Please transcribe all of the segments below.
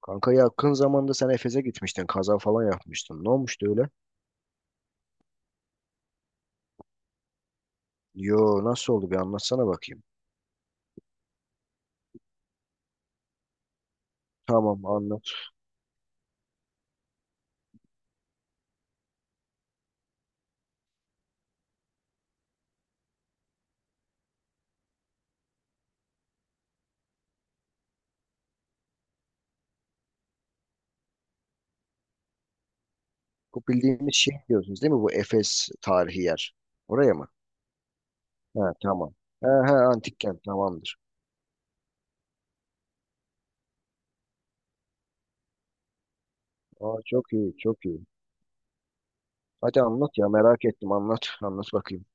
Kanka yakın zamanda sen Efes'e gitmiştin. Kaza falan yapmıştın. Ne olmuştu öyle? Yo, nasıl oldu bir anlatsana bakayım. Tamam, anlat. Bu bildiğimiz şey diyorsunuz değil mi? Bu Efes tarihi yer. Oraya mı? He, tamam. He, he, antik kent tamamdır. Aa, çok iyi çok iyi. Hadi anlat ya, merak ettim, anlat. Anlat bakayım.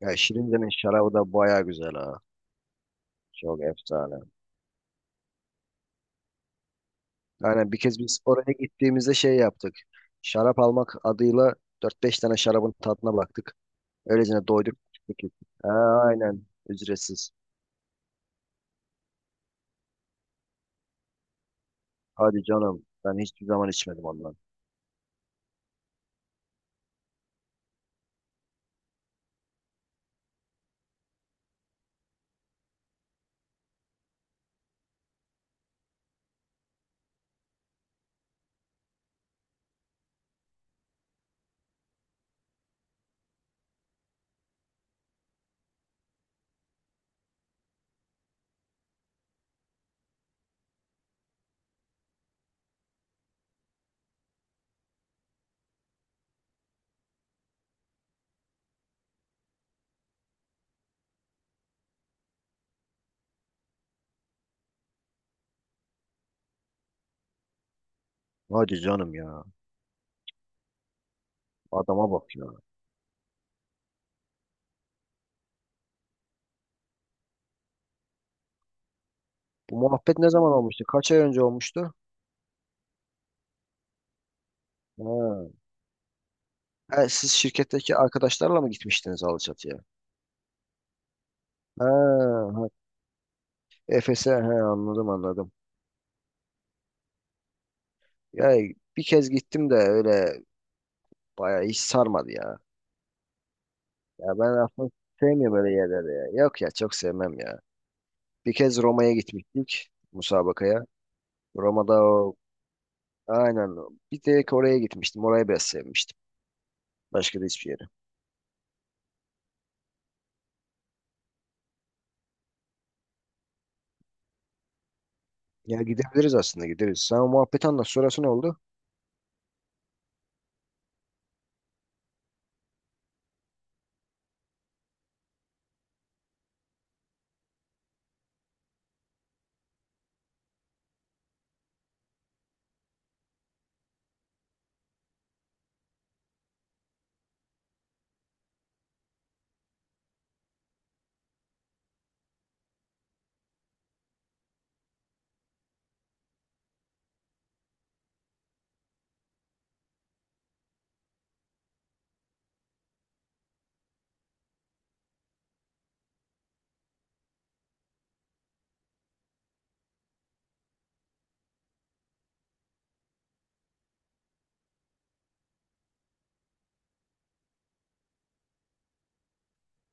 Ya Şirince'nin şarabı da baya güzel ha. Çok efsane. Aynen, bir kez biz oraya gittiğimizde şey yaptık. Şarap almak adıyla dört beş tane şarabın tadına baktık. Öylecene doyduk çıktık. Ha, aynen. Ücretsiz. Hadi canım. Ben hiçbir zaman içmedim ondan. Hadi canım ya. Adama bak ya. Bu muhabbet ne zaman olmuştu? Kaç ay önce olmuştu? Ha. Ha, siz şirketteki arkadaşlarla mı gitmiştiniz Alaçatı'ya? Ha, ha. Efes'e he, anladım anladım. Ya bir kez gittim de öyle bayağı hiç sarmadı ya. Ya ben aslında sevmiyorum böyle yerleri ya. Yok ya, çok sevmem ya. Bir kez Roma'ya gitmiştik musabakaya. Roma'da o. Aynen. Bir tek oraya gitmiştim. Orayı biraz sevmiştim. Başka da hiçbir yere. Ya gidebiliriz, aslında gideriz. Sen o muhabbeti anlat. Sonrası ne oldu?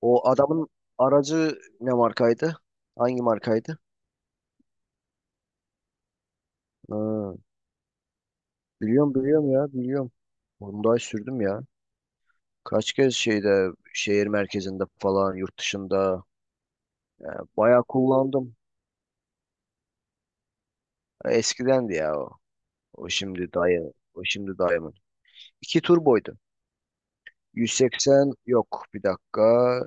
O adamın aracı ne markaydı? Hangi markaydı? Ha, biliyorum biliyorum ya, biliyorum. Onu Hyundai sürdüm ya. Kaç kez şeyde şehir merkezinde falan yurt dışında yani bayağı kullandım. Ya eskidendi ya o. O şimdi dayı. O şimdi dayımın. İki turboydu. 180, yok bir dakika.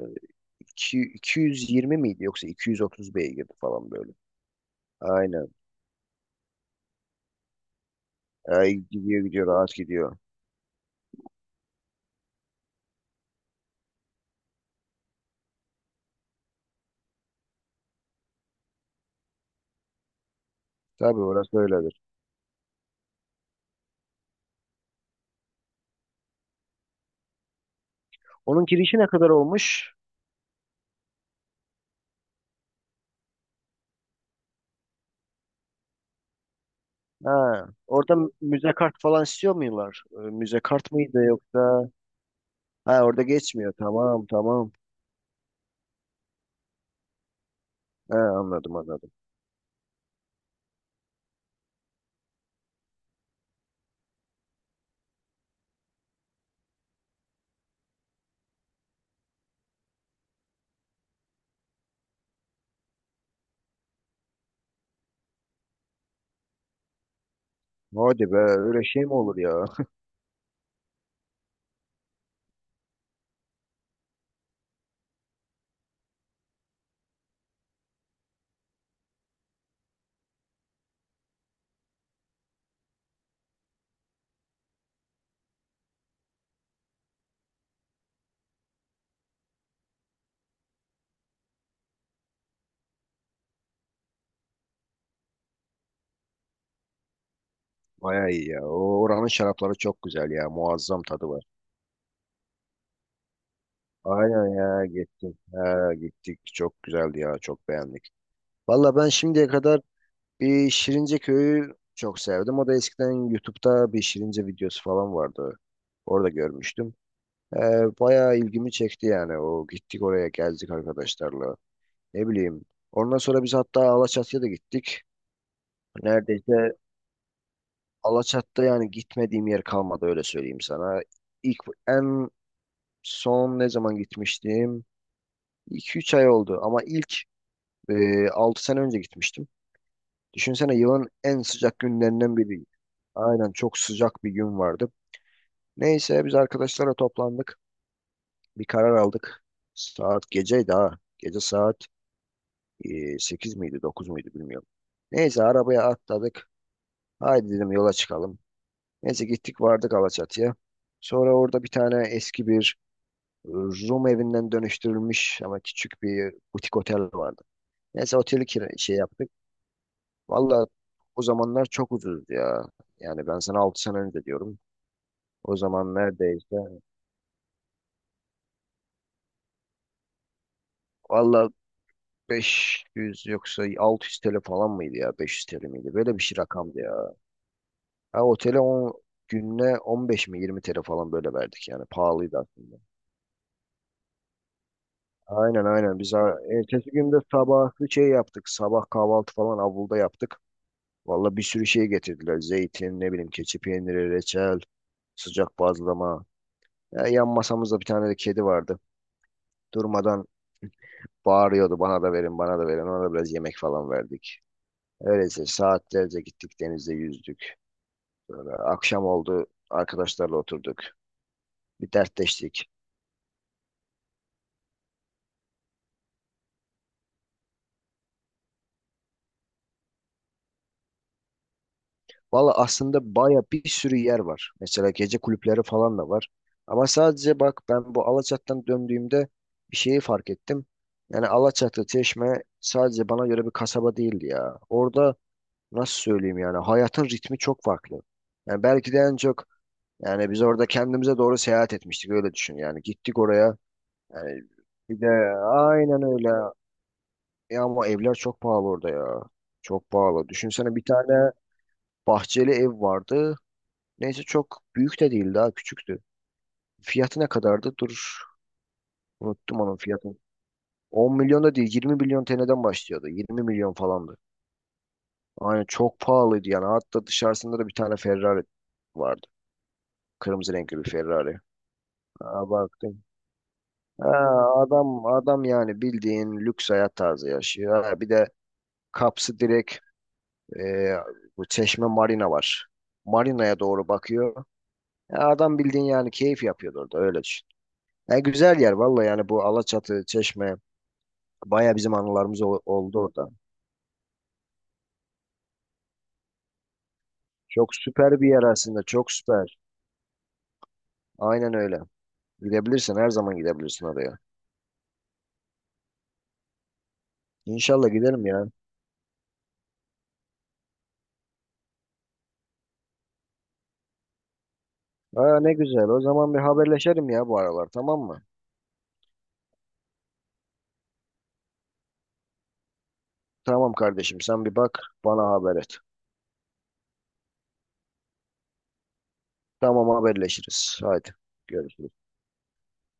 220 miydi yoksa 230 beygirdi falan böyle. Aynen. Ay gidiyor gidiyor rahat gidiyor. Tabii orası öyledir. Onun girişi ne kadar olmuş? Ha, orada müze kart falan istiyor muylar? Müze kart mıydı yoksa? Ha, orada geçmiyor. Tamam tamam. Ha, anladım anladım. Hadi be, öyle şey mi olur ya? Bayağı iyi ya. O oranın şarapları çok güzel ya. Muazzam tadı var. Aynen ya, gittik. Ha, gittik. Çok güzeldi ya. Çok beğendik. Valla ben şimdiye kadar bir Şirince Köyü çok sevdim. O da eskiden YouTube'da bir Şirince videosu falan vardı. Orada görmüştüm. Ee, bayağı ilgimi çekti yani. O gittik oraya geldik arkadaşlarla. Ne bileyim. Ondan sonra biz hatta Alaçatı'ya da gittik. Neredeyse Alaçatı'da yani gitmediğim yer kalmadı, öyle söyleyeyim sana. İlk en son ne zaman gitmiştim? 2 üç ay oldu ama ilk 6 sene önce gitmiştim. Düşünsene yılın en sıcak günlerinden biri. Aynen çok sıcak bir gün vardı. Neyse biz arkadaşlara toplandık. Bir karar aldık. Saat geceydi ha. Gece saat 8 miydi 9 muydu bilmiyorum. Neyse arabaya atladık. Haydi dedim yola çıkalım. Neyse gittik vardık Alaçatı'ya. Sonra orada bir tane eski bir Rum evinden dönüştürülmüş ama küçük bir butik otel vardı. Neyse oteli şey yaptık. Valla o zamanlar çok ucuzdu ya. Yani ben sana 6 sene önce diyorum. O zaman neredeyse. Valla 500 yoksa 600 TL falan mıydı ya? 500 TL miydi? Böyle bir şey rakamdı ya. Ha, otele 10 gününe 15 mi 20 TL falan böyle verdik yani. Pahalıydı aslında. Aynen aynen. Biz ertesi günde sabahı şey yaptık. Sabah kahvaltı falan avluda yaptık. Valla bir sürü şey getirdiler. Zeytin, ne bileyim keçi peyniri, reçel, sıcak bazlama. Ya, yan masamızda bir tane de kedi vardı. Durmadan bağırıyordu, bana da verin bana da verin. Ona da biraz yemek falan verdik. Öyleyse saatlerce gittik, denizde yüzdük. Akşam oldu. Arkadaşlarla oturduk. Bir dertleştik. Valla aslında baya bir sürü yer var. Mesela gece kulüpleri falan da var. Ama sadece bak, ben bu Alaçatı'dan döndüğümde bir şeyi fark ettim. Yani Alaçatı, Çeşme sadece bana göre bir kasaba değildi ya. Orada nasıl söyleyeyim, yani hayatın ritmi çok farklı. Yani belki de en çok yani biz orada kendimize doğru seyahat etmiştik, öyle düşün yani. Gittik oraya yani, bir de aynen öyle. Ya ama evler çok pahalı orada ya. Çok pahalı. Düşünsene, bir tane bahçeli ev vardı. Neyse çok büyük de değildi, daha küçüktü. Fiyatı ne kadardı? Dur, unuttum onun fiyatını. 10 milyon da değil, 20 milyon TL'den başlıyordu. 20 milyon falandı. Aynen çok pahalıydı yani. Hatta dışarısında da bir tane Ferrari vardı. Kırmızı renkli bir Ferrari. Aa, baktım. Ha, adam adam yani bildiğin lüks hayat tarzı yaşıyor. Ha, bir de kapsı direkt. Ee, bu Çeşme Marina var. Marina'ya doğru bakıyor. Ya adam bildiğin yani keyif yapıyordu orada, öyle düşün. Ya güzel yer vallahi, yani bu Alaçatı, Çeşme baya bizim anılarımız oldu orada. Çok süper bir yer aslında, çok süper. Aynen öyle. Gidebilirsin, her zaman gidebilirsin oraya. İnşallah giderim ya. Aa, ne güzel, o zaman bir haberleşelim ya bu aralar tamam mı? Tamam kardeşim, sen bir bak, bana haber et. Tamam, haberleşiriz. Haydi görüşürüz.